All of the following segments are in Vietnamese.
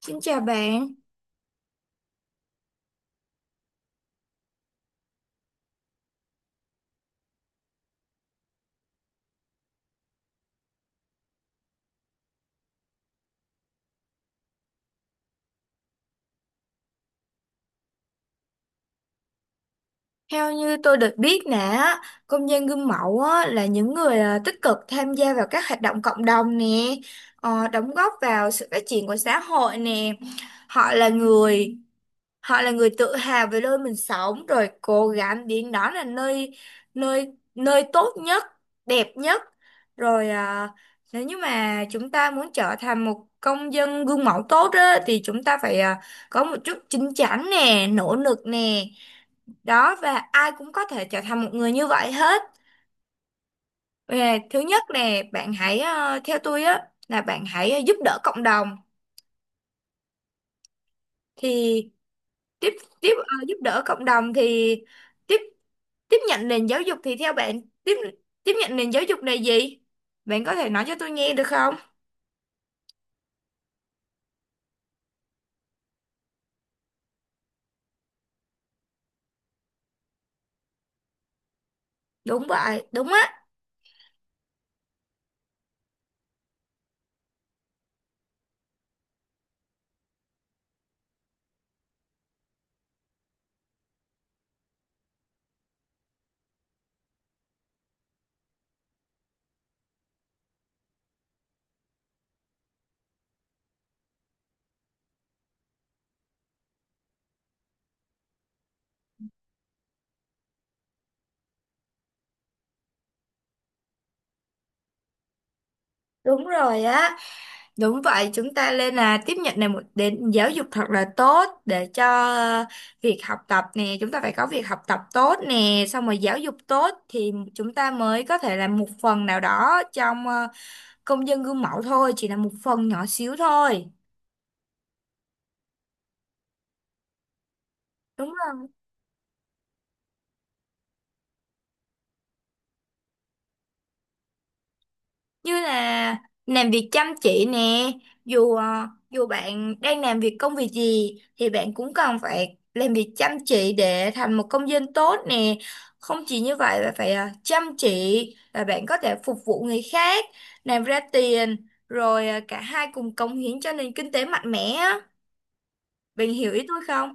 Xin chào bạn. Theo như tôi được biết nè, á, công dân gương mẫu á, là những người à, tích cực tham gia vào các hoạt động cộng đồng nè, đóng góp vào sự phát triển của xã hội nè. Họ là người, họ là người tự hào về nơi mình sống, rồi cố gắng biến đó là nơi nơi nơi tốt nhất, đẹp nhất. Rồi à, nếu như mà chúng ta muốn trở thành một công dân gương mẫu tốt á, thì chúng ta phải à, có một chút chín chắn nè, nỗ lực nè. Đó, và ai cũng có thể trở thành một người như vậy hết. Và thứ nhất là bạn hãy theo tôi á, là bạn hãy giúp đỡ cộng đồng thì tiếp tiếp ờ, giúp đỡ cộng đồng thì tiếp tiếp nhận nền giáo dục. Thì theo bạn, tiếp tiếp nhận nền giáo dục là gì, bạn có thể nói cho tôi nghe được không? Đúng vậy, đúng á, đúng rồi á. Đúng vậy, chúng ta nên là tiếp nhận này một đến giáo dục thật là tốt để cho ờ, việc học tập nè, chúng ta phải có việc học tập tốt nè, xong rồi giáo dục tốt thì chúng ta mới có thể làm một phần nào đó trong công dân gương mẫu thôi, chỉ là một phần nhỏ xíu thôi. Đúng rồi. Như là làm việc chăm chỉ nè, dù bạn đang làm việc công việc gì thì bạn cũng cần phải làm việc chăm chỉ để thành một công dân tốt nè. Không chỉ như vậy mà phải chăm chỉ, và bạn có thể phục vụ người khác, làm ra tiền, rồi cả hai cùng cống hiến cho nền kinh tế mạnh mẽ á. Bạn hiểu ý tôi không?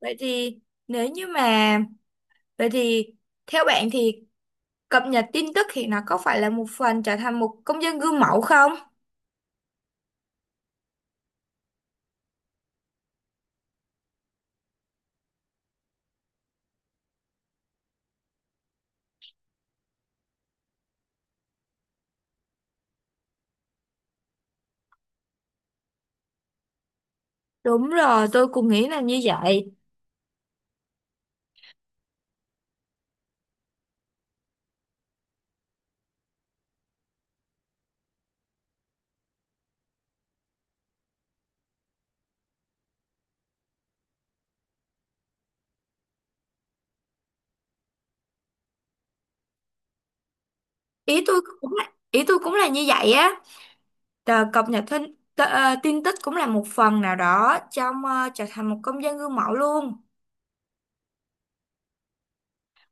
Vậy thì nếu như mà, vậy thì theo bạn thì cập nhật tin tức thì nó có phải là một phần trở thành một công dân gương mẫu không? Đúng rồi, tôi cũng nghĩ là như vậy. Ý tôi cũng là như vậy á. Tờ cập nhật tin, tờ, ờ, tin tức cũng là một phần nào đó trong trở thành một công dân gương mẫu luôn.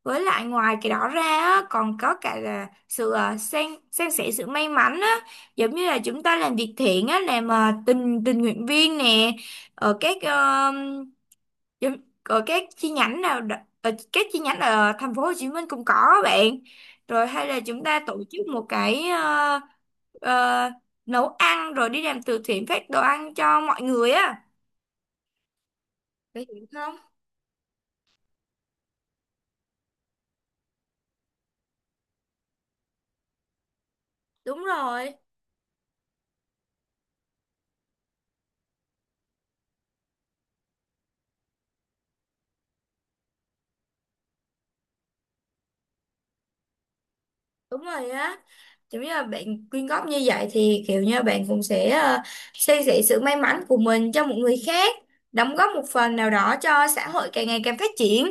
Với lại ngoài cái đó ra á, còn có cả là sự san san sẻ sự may mắn á, giống như là chúng ta làm việc thiện á, làm tình tình nguyện viên nè, ở các Giống- Rồi các chi nhánh ở các chi nhánh ở thành phố Hồ Chí Minh cũng có á bạn. Rồi hay là chúng ta tổ chức một cái ờ, nấu ăn rồi đi làm từ thiện, phát đồ ăn cho mọi người á. Bạn hiểu không? Đúng rồi, đúng rồi á. Giống như là bạn quyên góp như vậy thì kiểu như bạn cũng sẽ san sẻ sự may mắn của mình cho một người khác, đóng góp một phần nào đó cho xã hội càng ngày càng phát triển.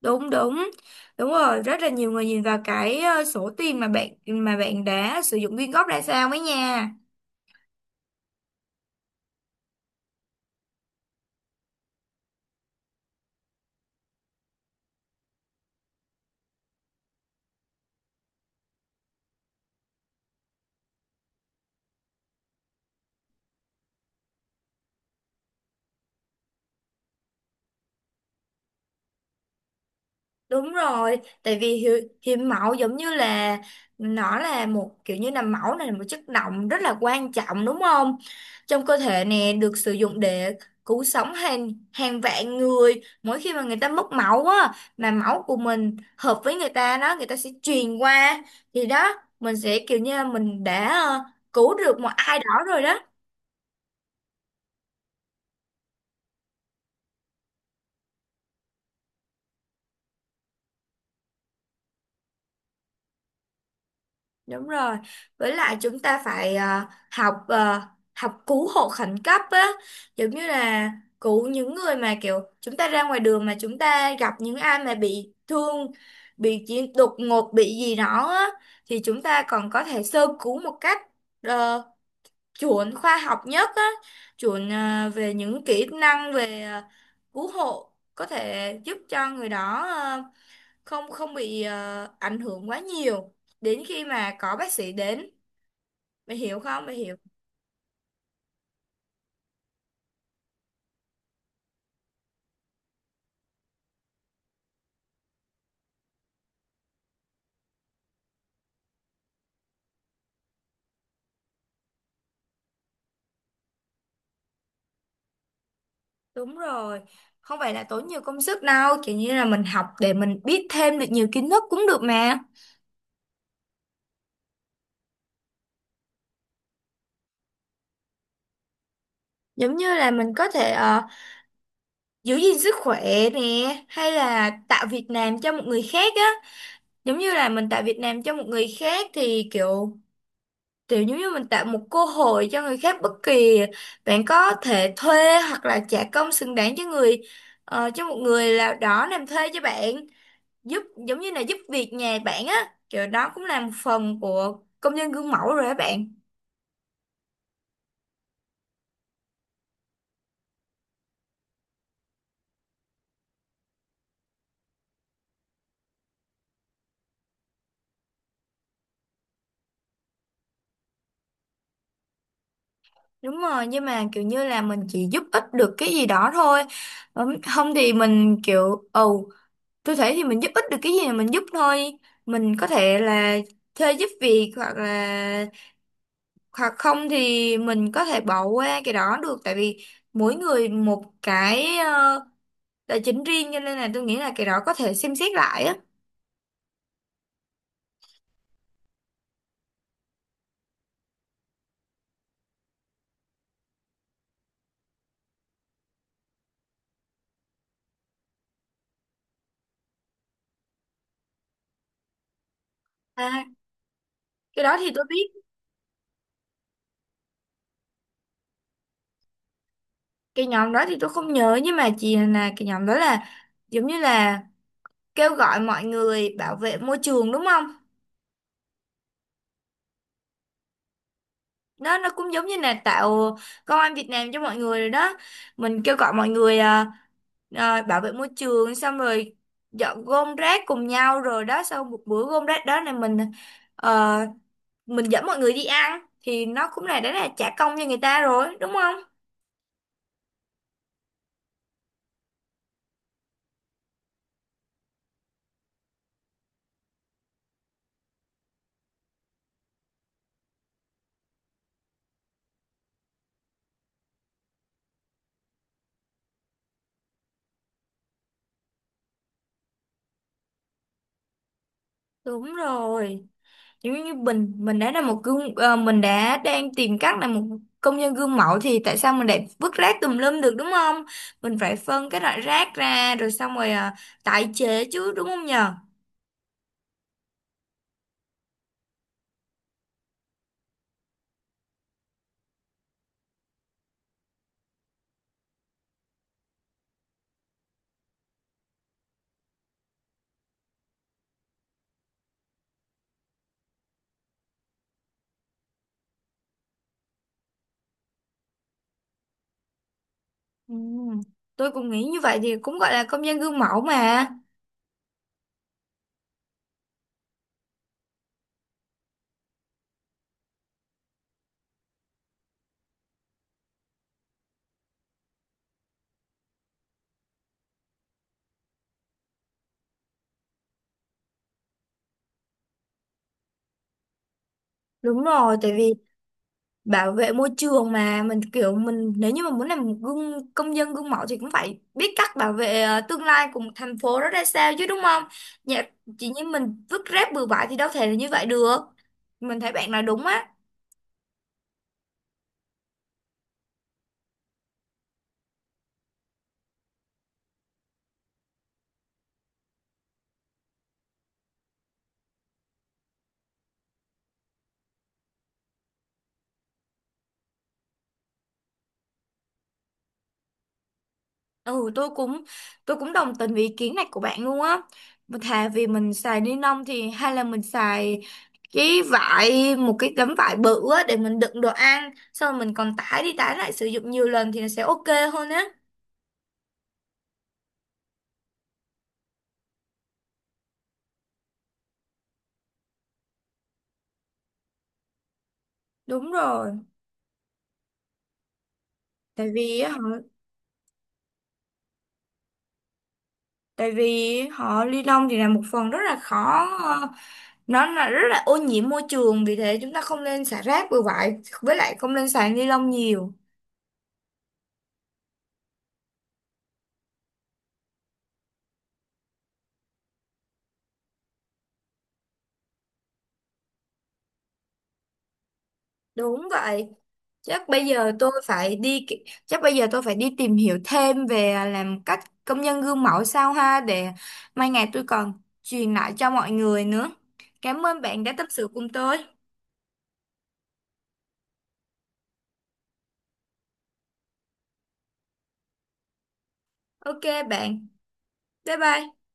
Đúng, đúng, đúng rồi, rất là nhiều người nhìn vào cái số tiền mà bạn đã sử dụng quyên góp ra sao ấy nha. Đúng rồi, tại vì hiến máu giống như là nó là một kiểu như là máu này là một chất động rất là quan trọng, đúng không? Trong cơ thể nè, được sử dụng để cứu sống hàng hàng vạn người mỗi khi mà người ta mất máu á, mà máu của mình hợp với người ta đó, người ta sẽ truyền qua. Thì đó, mình sẽ kiểu như là mình đã cứu được một ai đó rồi đó. Đúng rồi. Với lại chúng ta phải học ờ, học cứu hộ khẩn cấp á, giống như là cứu những người mà kiểu chúng ta ra ngoài đường mà chúng ta gặp những ai mà bị thương, bị chỉ đột ngột bị gì đó á, thì chúng ta còn có thể sơ cứu một cách ờ, chuẩn khoa học nhất á, chuẩn về những kỹ năng về cứu hộ, có thể giúp cho người đó không không bị ảnh hưởng quá nhiều đến khi mà có bác sĩ đến. Mày hiểu không, mày hiểu? Đúng rồi, không phải là tốn nhiều công sức đâu, kiểu như là mình học để mình biết thêm được nhiều kiến thức cũng được mà. Giống như là mình có thể giữ gìn sức khỏe nè, hay là tạo việc làm cho một người khác á. Giống như là mình tạo việc làm cho một người khác thì kiểu, kiểu giống như mình tạo một cơ hội cho người khác. Bất kỳ bạn có thể thuê hoặc là trả công xứng đáng cho cho một người nào đó làm thuê cho bạn, giúp, giống như là giúp việc nhà bạn á, kiểu đó cũng là một phần của công nhân gương mẫu rồi á bạn. Đúng rồi, nhưng mà kiểu như là mình chỉ giúp ích được cái gì đó thôi. Không thì mình kiểu ồ, tôi thấy thì mình giúp ích được cái gì là mình giúp thôi. Mình có thể là thuê giúp việc, hoặc là, hoặc không thì mình có thể bỏ qua cái đó được, tại vì mỗi người một cái tài chính riêng, cho nên là tôi nghĩ là cái đó có thể xem xét lại á. À, cái đó thì tôi biết. Cái nhóm đó thì tôi không nhớ, nhưng mà chỉ là cái nhóm đó là giống như là kêu gọi mọi người bảo vệ môi trường, đúng không? Đó, nó cũng giống như là tạo công an Việt Nam cho mọi người rồi đó. Mình kêu gọi mọi người bảo vệ môi trường, xong rồi dọn gom rác cùng nhau. Rồi đó, sau một bữa gom rác đó là mình ờ, mình dẫn mọi người đi ăn, thì nó cũng là đã là trả công cho người ta rồi, đúng không? Đúng rồi, giống như mình đã là một gương, mình đã đang tìm cách là một công dân gương mẫu thì tại sao mình lại vứt rác tùm lum được, đúng không? Mình phải phân cái loại rác ra, rồi xong rồi à, tái chế chứ, đúng không nhờ? Ừ, tôi cũng nghĩ như vậy thì cũng gọi là công dân gương mẫu mà. Đúng rồi, tại vì bảo vệ môi trường mà mình kiểu, mình nếu như mà muốn làm một gương công dân gương mẫu thì cũng phải biết cách bảo vệ tương lai của một thành phố đó ra sao chứ, đúng không? Dạ, chỉ như mình vứt rác bừa bãi thì đâu thể là như vậy được. Mình thấy bạn nói đúng á. Ừ, tôi cũng đồng tình với ý kiến này của bạn luôn á. Mà thà vì mình xài ni lông thì hay là mình xài cái vải, một cái tấm vải bự á, để mình đựng đồ ăn, xong rồi mình còn tải đi tải lại sử dụng nhiều lần thì nó sẽ ok hơn á. Đúng rồi. Tại vì á hả, tại vì họ ly lông thì là một phần rất là khó, nó là rất là ô nhiễm môi trường, vì thế chúng ta không nên xả rác bừa bãi, với lại không nên xài ni lông nhiều. Đúng vậy, chắc bây giờ tôi phải đi tìm hiểu thêm về làm cách công nhân gương mẫu sao ha, để mai ngày tôi còn truyền lại cho mọi người nữa. Cảm ơn bạn đã tâm sự cùng tôi. Ok bạn, bye bye.